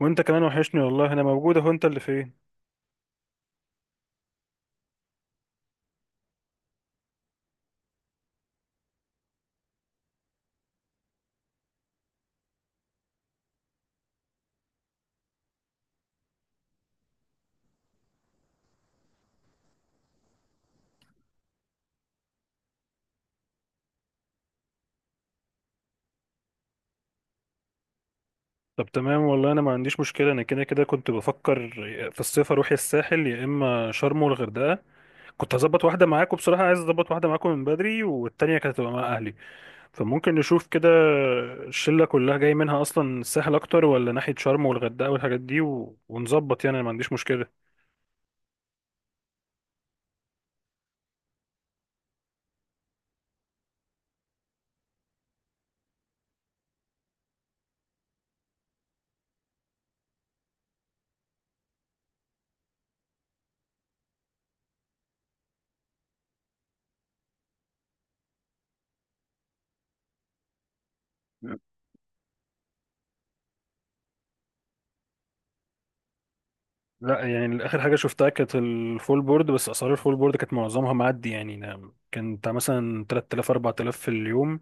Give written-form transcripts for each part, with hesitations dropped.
وانت كمان وحشني، والله انا موجود اهو. انت اللي فين؟ طب تمام، والله انا ما عنديش مشكله. انا كده كده كنت بفكر في الصيف اروح يا الساحل يا اما شرم والغردقه. كنت هظبط واحده معاكم، بصراحه عايز اظبط واحده معاكم من بدري، والتانيه كانت هتبقى مع اهلي. فممكن نشوف كده. الشله كلها جاي منها اصلا، الساحل اكتر ولا ناحيه شرم والغردقه والحاجات دي، ونظبط يعني انا ما عنديش مشكله. لا يعني اخر حاجه شفتها كانت الفول بورد، بس اسعار الفول بورد كانت معظمها معدي. يعني كانت مثلا 3000 4000 في اليوم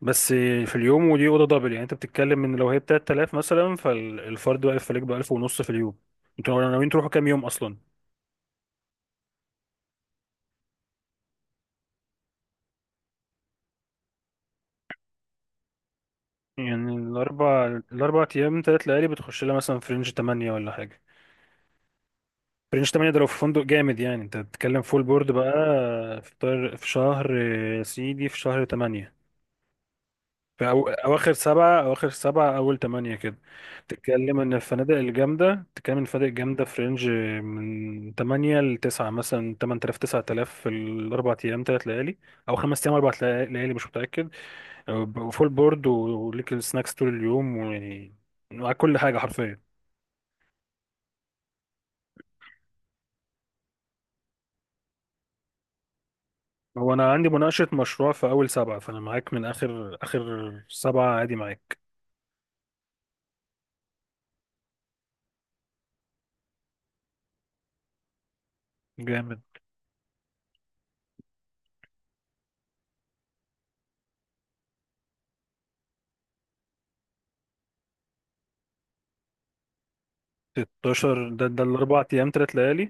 بس. في اليوم، ودي اوضه دبل. يعني انت بتتكلم ان لو هي ب 3000 مثلا، فالفرد واقف عليك ب 1000 ونص في اليوم. انتوا ناويين تروحوا كام يوم اصلا؟ يعني الاربع ايام تلات ليالي بتخش لها مثلا في رينج 8 ولا حاجه؟ في رينج 8، ده لو في فندق جامد. يعني انت بتتكلم فول بورد بقى. في شهر يا سيدي، في شهر 8. أواخر سبعة أول تمانية كده. تتكلم إن الفنادق الجامدة في رينج من تمانية لتسعة، مثلا تمن تلاف تسعة آلاف في الأربع أيام تلات ليالي. أو خمس أيام أربع ليالي، مش متأكد. وفول بورد وليك السناكس طول اليوم، ويعني مع كل حاجة حرفيا. هو أنا عندي مناقشة مشروع في أول سبعة، فأنا معاك من آخر آخر سبعة عادي، معاك. جامد. 16 ده الأربع أيام تلات ليالي؟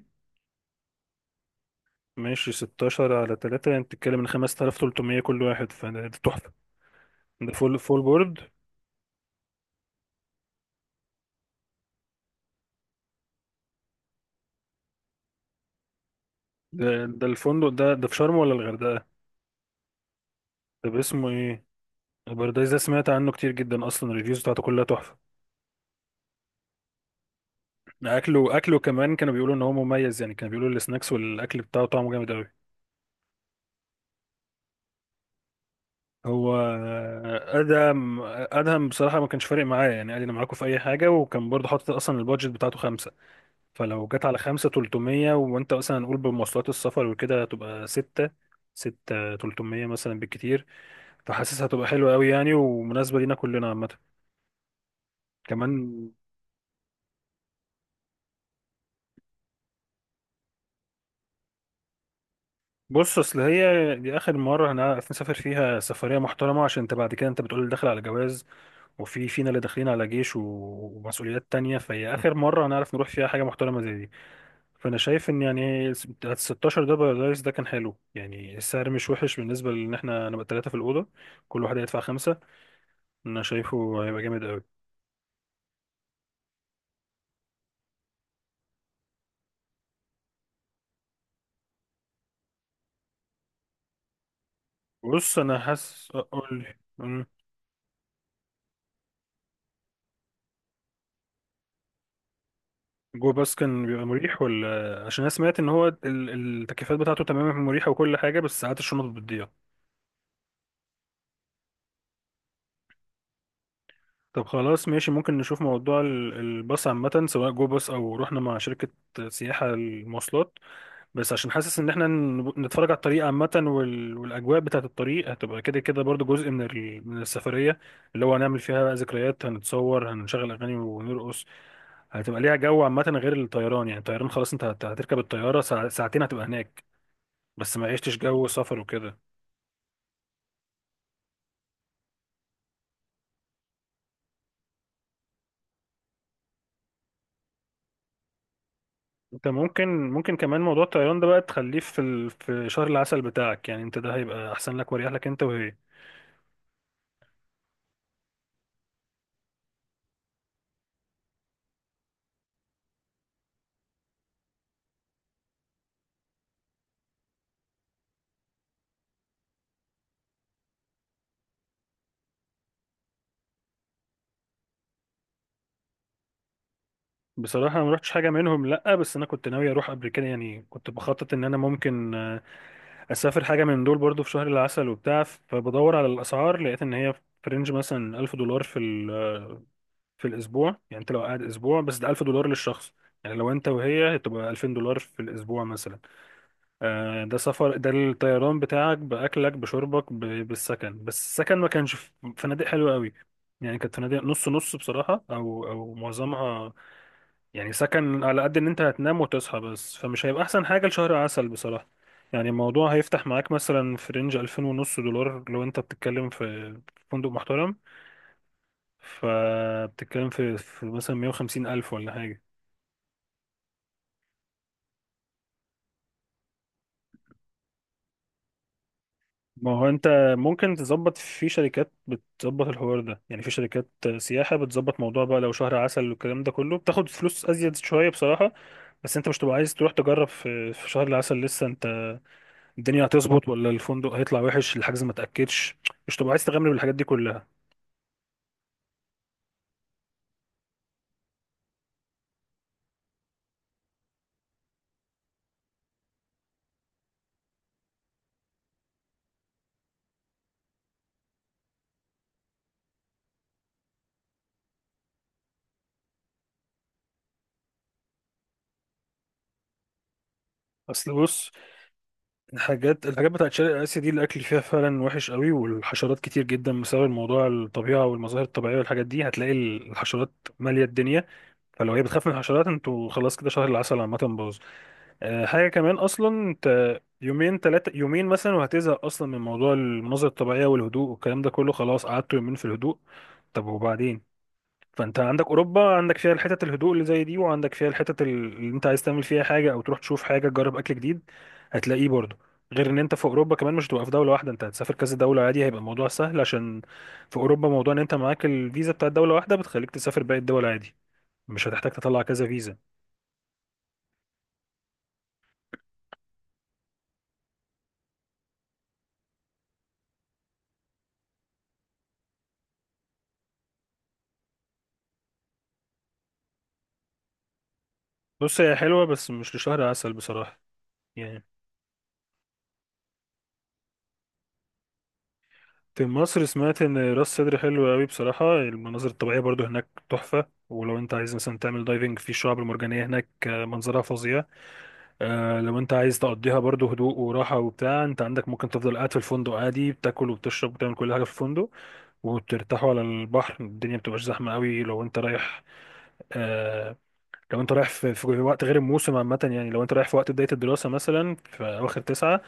ماشي، 16 على 3 يعني بتتكلم ان 5300 كل واحد. فده تحفة. ده فول بورد. ده الفندق ده في شرم ولا الغردقة؟ طب اسمه ايه؟ البارادايس ده سمعت عنه كتير جدا، اصلا الريفيوز بتاعته كلها تحفة. اكله كمان كانوا بيقولوا ان هو مميز، يعني كانوا بيقولوا السناكس والاكل بتاعه طعمه جامد قوي. هو ادهم بصراحة ما كانش فارق معايا، يعني قال لي انا معاكم في اي حاجة، وكان برضه حاطط اصلا البادجت بتاعته. فلو جت على 5300، وانت مثلا هنقول بمواصلات السفر وكده هتبقى ستة. 6300 مثلا بالكتير. فحاسسها هتبقى حلوة قوي، يعني ومناسبة لينا كلنا عامة. كمان. بص، اصل هي دي اخر مرة هنعرف نسافر فيها سفرية محترمة، عشان انت بعد كده انت بتقول داخل على جواز، وفي فينا اللي داخلين على جيش ومسؤوليات تانية، فهي اخر مرة هنعرف نروح فيها حاجة محترمة زي دي. فانا شايف ان يعني ال 16 ده، بارادايس ده كان حلو، يعني السعر مش وحش بالنسبه لان احنا نبقى ثلاثه في الاوضه. كل واحد هيدفع خمسه، انا شايفه هيبقى جامد قوي. بص، انا حاسس اقول مم. جو باس كان بيبقى مريح، ولا عشان انا سمعت ان هو التكييفات بتاعته تمام مريحه وكل حاجه، بس ساعات الشنط بتضيع؟ طب خلاص، ماشي. ممكن نشوف موضوع الباص عامه، سواء جو باص او رحنا مع شركه سياحه المواصلات. بس عشان حاسس ان احنا نتفرج على الطريق عامة، والاجواء بتاعة الطريق هتبقى كده كده برضو جزء من من السفرية، اللي هو هنعمل فيها بقى ذكريات، هنتصور، هنشغل اغاني، ونرقص. هتبقى ليها جو عامة، غير الطيران. يعني الطيران خلاص، انت هتركب الطيارة ساعتين هتبقى هناك. بس ما عشتش جو سفر وكده. انت ممكن كمان موضوع الطيران ده بقى تخليه في في شهر العسل بتاعك. يعني انت ده هيبقى احسن لك واريح لك، انت وهي. بصراحة أنا ما رحتش حاجة منهم، لأ. بس أنا كنت ناوي أروح قبل كده، يعني كنت بخطط إن أنا ممكن اسافر حاجه من دول برضو في شهر العسل وبتاع. فبدور على الاسعار لقيت ان هي في رينج مثلا 1000 دولار في في الاسبوع. يعني انت لو قاعد اسبوع بس، ده 1000 دولار للشخص. يعني لو انت وهي هتبقى 2000 دولار في الاسبوع مثلا. ده سفر، ده الطيران بتاعك، باكلك بشربك بالسكن. بس السكن ما كانش في فنادق حلوه قوي. يعني كانت فنادق نص نص بصراحه، او معظمها. يعني سكن على قد ان انت هتنام وتصحى بس، فمش هيبقى احسن حاجة لشهر عسل بصراحة. يعني الموضوع هيفتح معاك مثلا في رينج 2500 دولار لو انت بتتكلم في فندق محترم، فبتتكلم في مثلا 150 ألف ولا حاجة. ما هو انت ممكن تظبط في شركات بتظبط الحوار ده. يعني في شركات سياحة بتظبط موضوع بقى لو شهر عسل والكلام ده كله، بتاخد فلوس أزيد شوية بصراحة. بس انت مش تبقى عايز تروح تجرب في شهر العسل لسه، انت الدنيا هتظبط ولا الفندق هيطلع وحش، الحجز ما تاكدش. مش تبقى عايز تغامر بالحاجات دي كلها. اصل بص، الحاجات بتاعت شرق اسيا دي الاكل فيها فعلا وحش قوي، والحشرات كتير جدا بسبب الموضوع الطبيعه والمظاهر الطبيعيه والحاجات دي هتلاقي الحشرات ماليه الدنيا. فلو هي بتخاف من الحشرات انتوا خلاص كده، شهر العسل عامه باظ. أه، حاجه كمان اصلا. انت يومين ثلاثه يومين مثلا وهتزهق اصلا من موضوع المناظر الطبيعيه والهدوء والكلام ده كله، خلاص قعدتوا يومين في الهدوء. طب وبعدين؟ فانت عندك اوروبا، عندك فيها الحتت الهدوء اللي زي دي، وعندك فيها الحتت اللي انت عايز تعمل فيها حاجه او تروح تشوف حاجه، تجرب اكل جديد هتلاقيه برضه. غير ان انت في اوروبا كمان مش هتبقى في دوله واحده، انت هتسافر كذا دوله عادي، هيبقى الموضوع سهل. عشان في اوروبا موضوع ان انت معاك الفيزا بتاعت دوله واحده بتخليك تسافر باقي الدول عادي، مش هتحتاج تطلع كذا فيزا. بص هي حلوه بس مش لشهر عسل بصراحه. يعني في مصر سمعت ان راس سدر حلو قوي بصراحه، المناظر الطبيعيه برضو هناك تحفه. ولو انت عايز مثلا تعمل دايفنج في الشعاب المرجانيه هناك منظرها فظيع. لو انت عايز تقضيها برضو هدوء وراحة وبتاع، انت عندك ممكن تفضل قاعد في الفندق عادي، بتاكل وبتشرب وبتعمل كل حاجة في الفندق. وبترتاحوا على البحر، الدنيا بتبقاش زحمة قوي آه لو انت رايح في وقت غير الموسم عامة. يعني لو انت رايح في وقت بداية الدراسة مثلا في أواخر تسعة،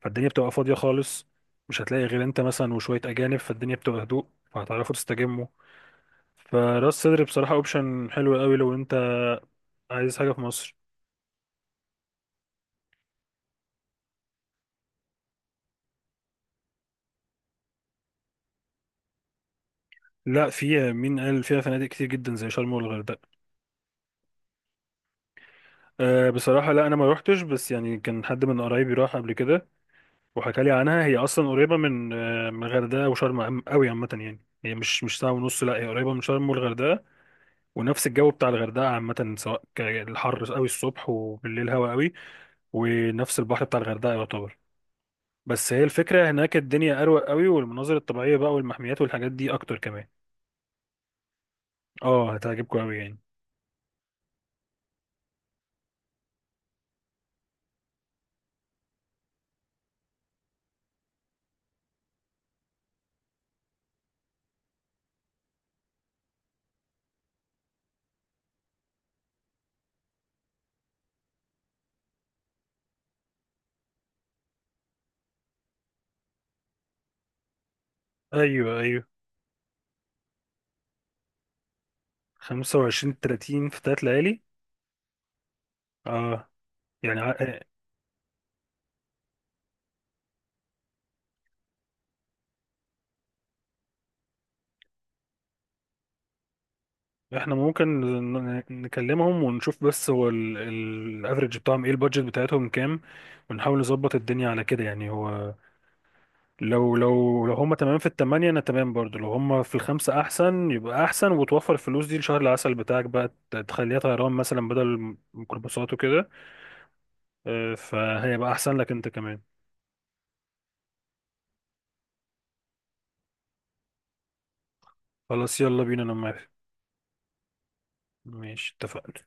فالدنيا بتبقى فاضية خالص، مش هتلاقي غير انت مثلا وشوية أجانب، فالدنيا بتبقى هدوء، فهتعرفوا تستجموا. فراس صدر بصراحة اوبشن حلو قوي لو انت عايز حاجة في مصر. لا، في. مين قال؟ فيها فنادق كتير جدا زي شرم والغردقة. أه، بصراحة لا، أنا ما روحتش. بس يعني كان حد من قرايبي راح قبل كده وحكى لي عنها. هي أصلا قريبة من من الغردقة وشرم أوي عامة. يعني هي مش ساعة ونص، لا هي قريبة من شرم والغردقة. ونفس الجو بتاع الغردقة عامة، سواء الحر أوي الصبح وبالليل هوا أوي. ونفس البحر بتاع الغردقة يعتبر. بس هي الفكرة هناك الدنيا أروق أوي، والمناظر الطبيعية بقى والمحميات والحاجات دي أكتر كمان. اه، هتعجبكم أوي يعني. أيوه، أيوه. 25 30 في تلات ليالي. اه يعني. احنا ممكن نكلمهم ونشوف، بس هو الافريج بتاعهم ايه، البادجت بتاعتهم كام. ونحاول نظبط الدنيا على كده. يعني هو لو هم تمام في التمانية انا تمام برضو، لو هم في الخمسة احسن يبقى احسن، وتوفر الفلوس دي لشهر العسل بتاعك، بقى تخليها طيران مثلا بدل ميكروباصات وكده. اه، فهيبقى احسن لك انت كمان. خلاص، يلا بينا، انا موافق. ماشي، اتفقنا.